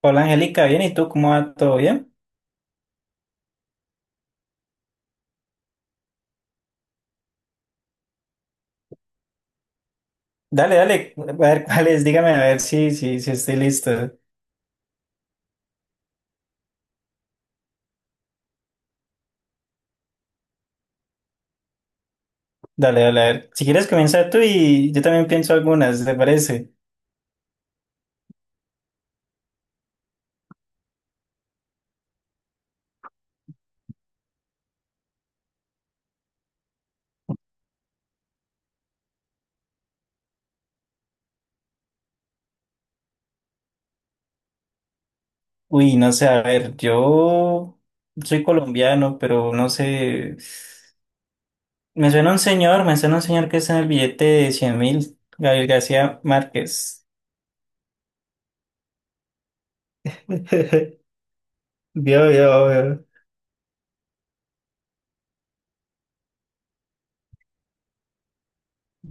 Hola Angélica, bien, ¿y tú cómo va? ¿Todo bien? Dale, dale, a ver cuáles, dígame a ver si estoy listo. Dale, dale, a ver. Si quieres comenzar tú y yo también pienso algunas, ¿te parece? Uy, no sé, a ver, yo soy colombiano, pero no sé. Me suena un señor que está en el billete de 100.000, Gabriel García Márquez. Vio, vio, vio.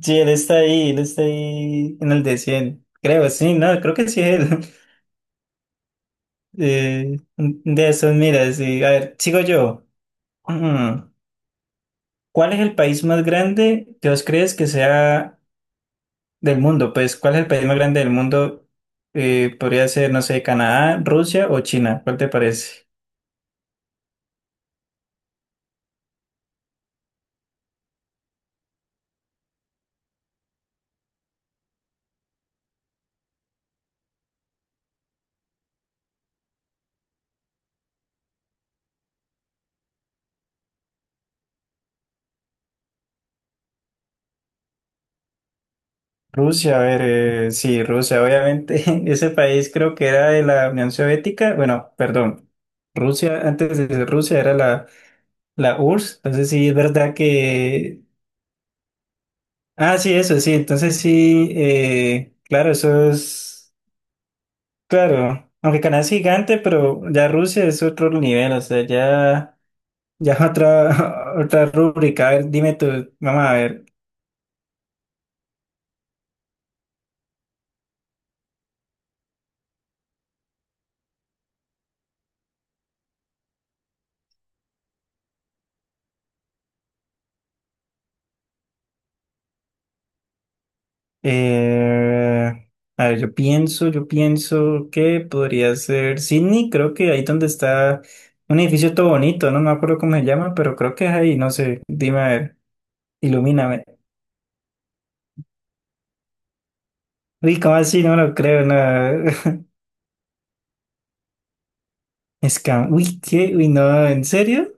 Sí, él está ahí en el de 100. Creo, sí, no, creo que sí es él. De eso, mira, sí. A ver, sigo yo. Mm, ¿Cuál es el país más grande que vos crees que sea del mundo? Pues, ¿cuál es el país más grande del mundo? Podría ser, no sé, Canadá, Rusia o China. ¿Cuál te parece? Rusia, a ver, sí, Rusia, obviamente. Ese país creo que era de la Unión Soviética. Bueno, perdón. Rusia, antes de ser Rusia era la URSS. Entonces, sí, es verdad que. Ah, sí, eso, sí. Entonces sí, claro, eso es, claro, aunque Canadá es gigante, pero ya Rusia es otro nivel, o sea, ya, ya otra rúbrica. A ver, dime tú, vamos a ver. eh, a ver, yo pienso que podría ser Sydney, creo que ahí donde está un edificio todo bonito, no me acuerdo cómo se llama, pero creo que es ahí, no sé, dime, a ver, ilumíname. Uy, ¿cómo así? No me lo creo, no. Es que, uy, ¿qué? Uy, no, ¿en serio?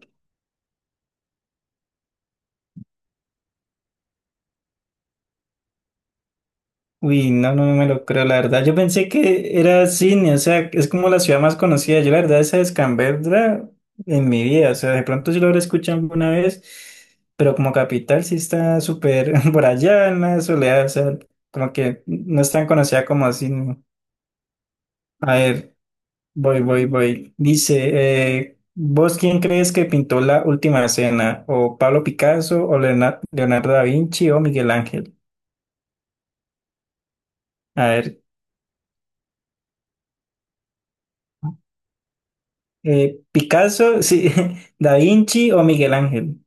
Uy, no, no, no me lo creo, la verdad. Yo pensé que era cine, o sea, es como la ciudad más conocida. Yo, la verdad, esa es Canberra en mi vida, o sea, de pronto sí lo habré escuchado alguna vez, pero como capital sí está súper por allá en la soledad, o sea, como que no es tan conocida como cine. A ver, voy, voy, voy. Dice, ¿vos quién crees que pintó la última cena? ¿O Pablo Picasso, o Leonardo da Vinci, o Miguel Ángel? A ver, Picasso, sí, Da Vinci o Miguel Ángel.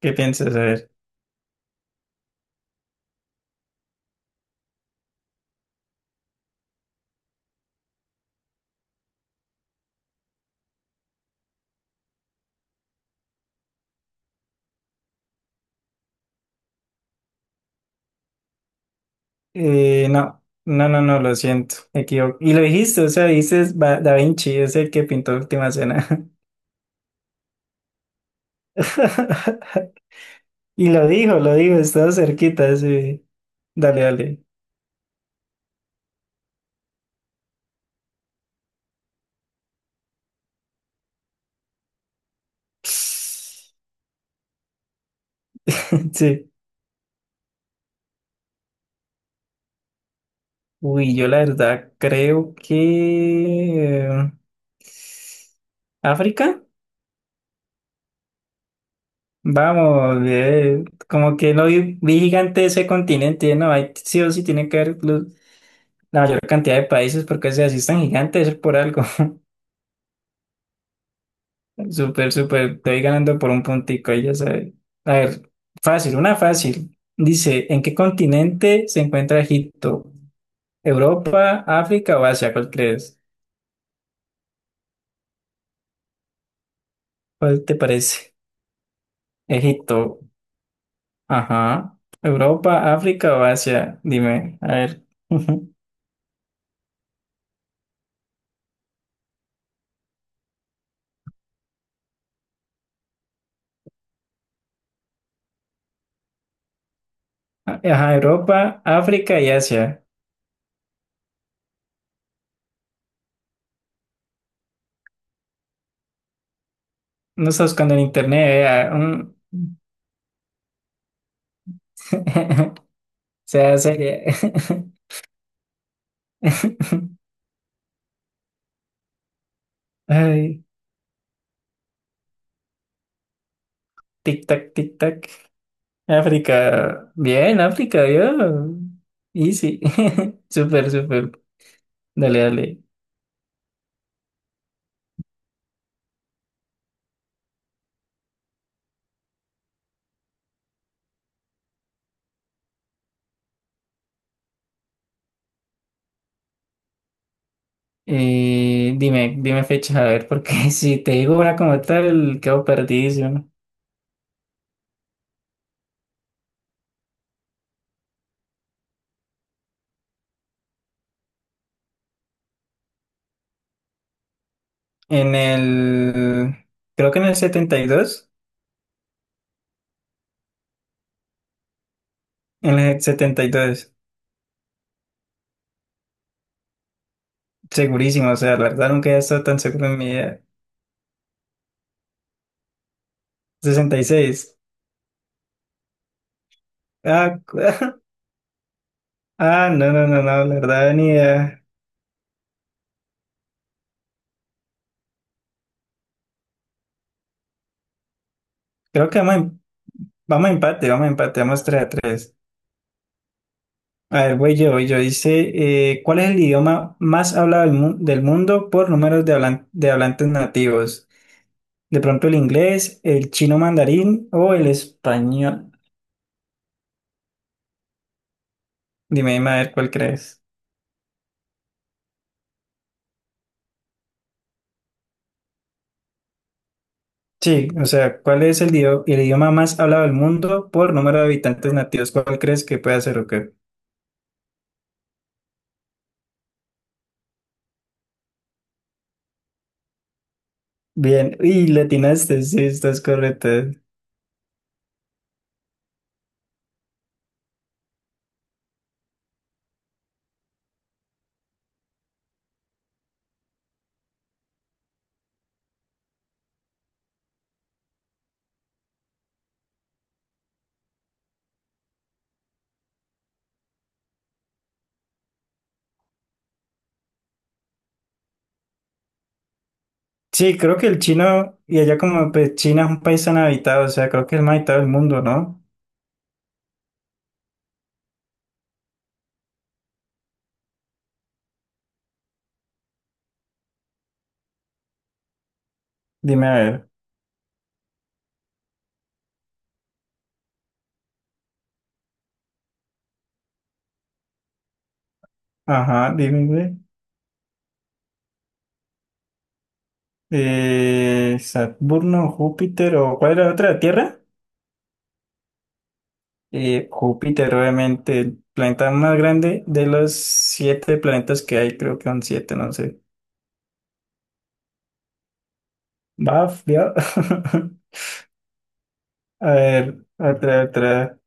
¿Qué piensas? A ver. No, no, no, no, lo siento. Me equivoco. Y lo dijiste, o sea, dices Da Vinci, es el que pintó Última Cena. Y lo dijo, estaba cerquita, sí. Dale, dale. Sí. Uy, yo la verdad creo que... ¿África? Vamos, como que no vi gigante ese continente, no, hay sí o sí tiene que haber la mayor cantidad de países porque si así es tan gigante es por algo. Súper, súper, estoy ganando por un puntico, ahí ya sabes. A ver, fácil, una fácil. Dice, ¿en qué continente se encuentra Egipto? ¿Europa, África o Asia? ¿Cuál crees? ¿Cuál te parece? Egipto, ajá. ¿Europa, África o Asia? Dime, a ver. Ajá, Europa, África y Asia. No está buscando en internet, vea. Sea seria. Ay, tic-tac, tic-tac. África. Bien, África, yo. Easy. Súper, súper. Dale, dale. Dime, dime fechas, a ver, porque si te digo una como tal, quedo perdido. En el. Creo que en el setenta y dos. En el setenta y dos. Segurísimo, o sea, la verdad nunca he estado tan seguro en mi vida. Sesenta y seis. Ah, ah, no, no, no, no, la verdad ni idea. Creo que vamos, vamos a empate, vamos 3-3. A ver, voy yo, voy yo. Dice, ¿cuál es el idioma más hablado del mundo por números de, de hablantes nativos? De pronto el inglés, el chino mandarín o el español. Dime, dime a ver cuál crees. Sí, o sea, ¿cuál es el idioma más hablado del mundo por número de habitantes nativos? ¿Cuál crees que puede ser o qué? Bien, y le atinaste, sí, estás correcto. Sí, creo que el chino, y allá como pues, China es un país tan habitado, o sea, creo que es el más habitado del mundo, ¿no? Dime a ver. Ajá, dime, güey. Saturno, Júpiter, o ¿cuál era la otra? ¿Tierra? Júpiter, obviamente, el planeta más grande de los siete planetas que hay, creo que son siete, no sé. Baf, ya. A ver, otra, otra.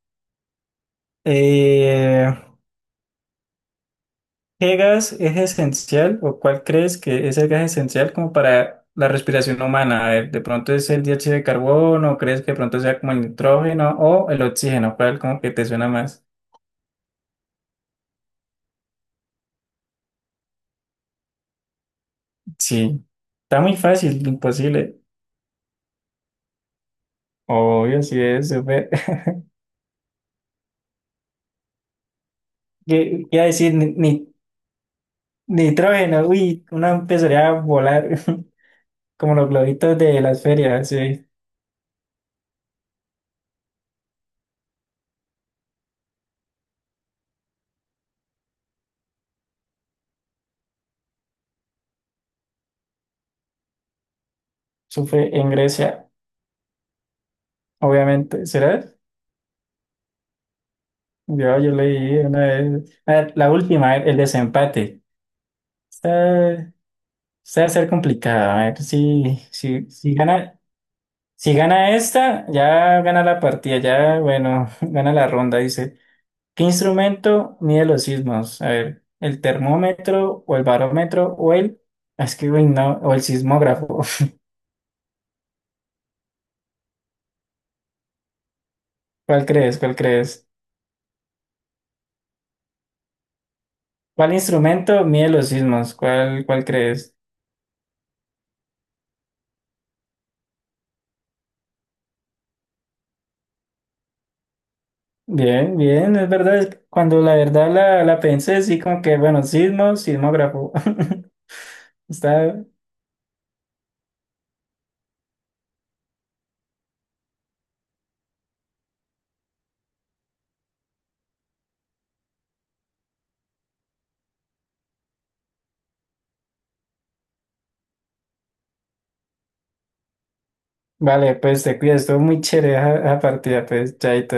Eh, ¿Qué gas es esencial o cuál crees que es el gas esencial como para la respiración humana? A ver, ¿de pronto es el dióxido de carbono o crees que de pronto sea como el nitrógeno o el oxígeno? ¿Cuál como que te suena más? Sí, está muy fácil, imposible. Obvio, sí es súper. ¿Qué qué iba a decir? Nitrógeno, uy, uno empezaría a volar como los globitos de las ferias, sí. Eso fue en Grecia, obviamente. ¿Será? Yo leí una vez, a ver, la última, el desempate. Está, está a ser complicada. A ver si, si gana, si gana esta, ya gana la partida, ya, bueno, gana la ronda, dice. ¿Qué instrumento mide los sismos? A ver, ¿el termómetro o el barómetro o el, ah, es que, uy, no, o el sismógrafo? ¿Cuál crees? ¿Cuál crees? ¿Cuál instrumento mide los sismos? ¿Cuál, cuál crees? Bien, bien, es verdad, es que cuando la verdad la pensé, sí, como que, bueno, sismo, sismógrafo. Está, vale, pues te cuidas, estuvo muy chévere esa partida, pues, chaito.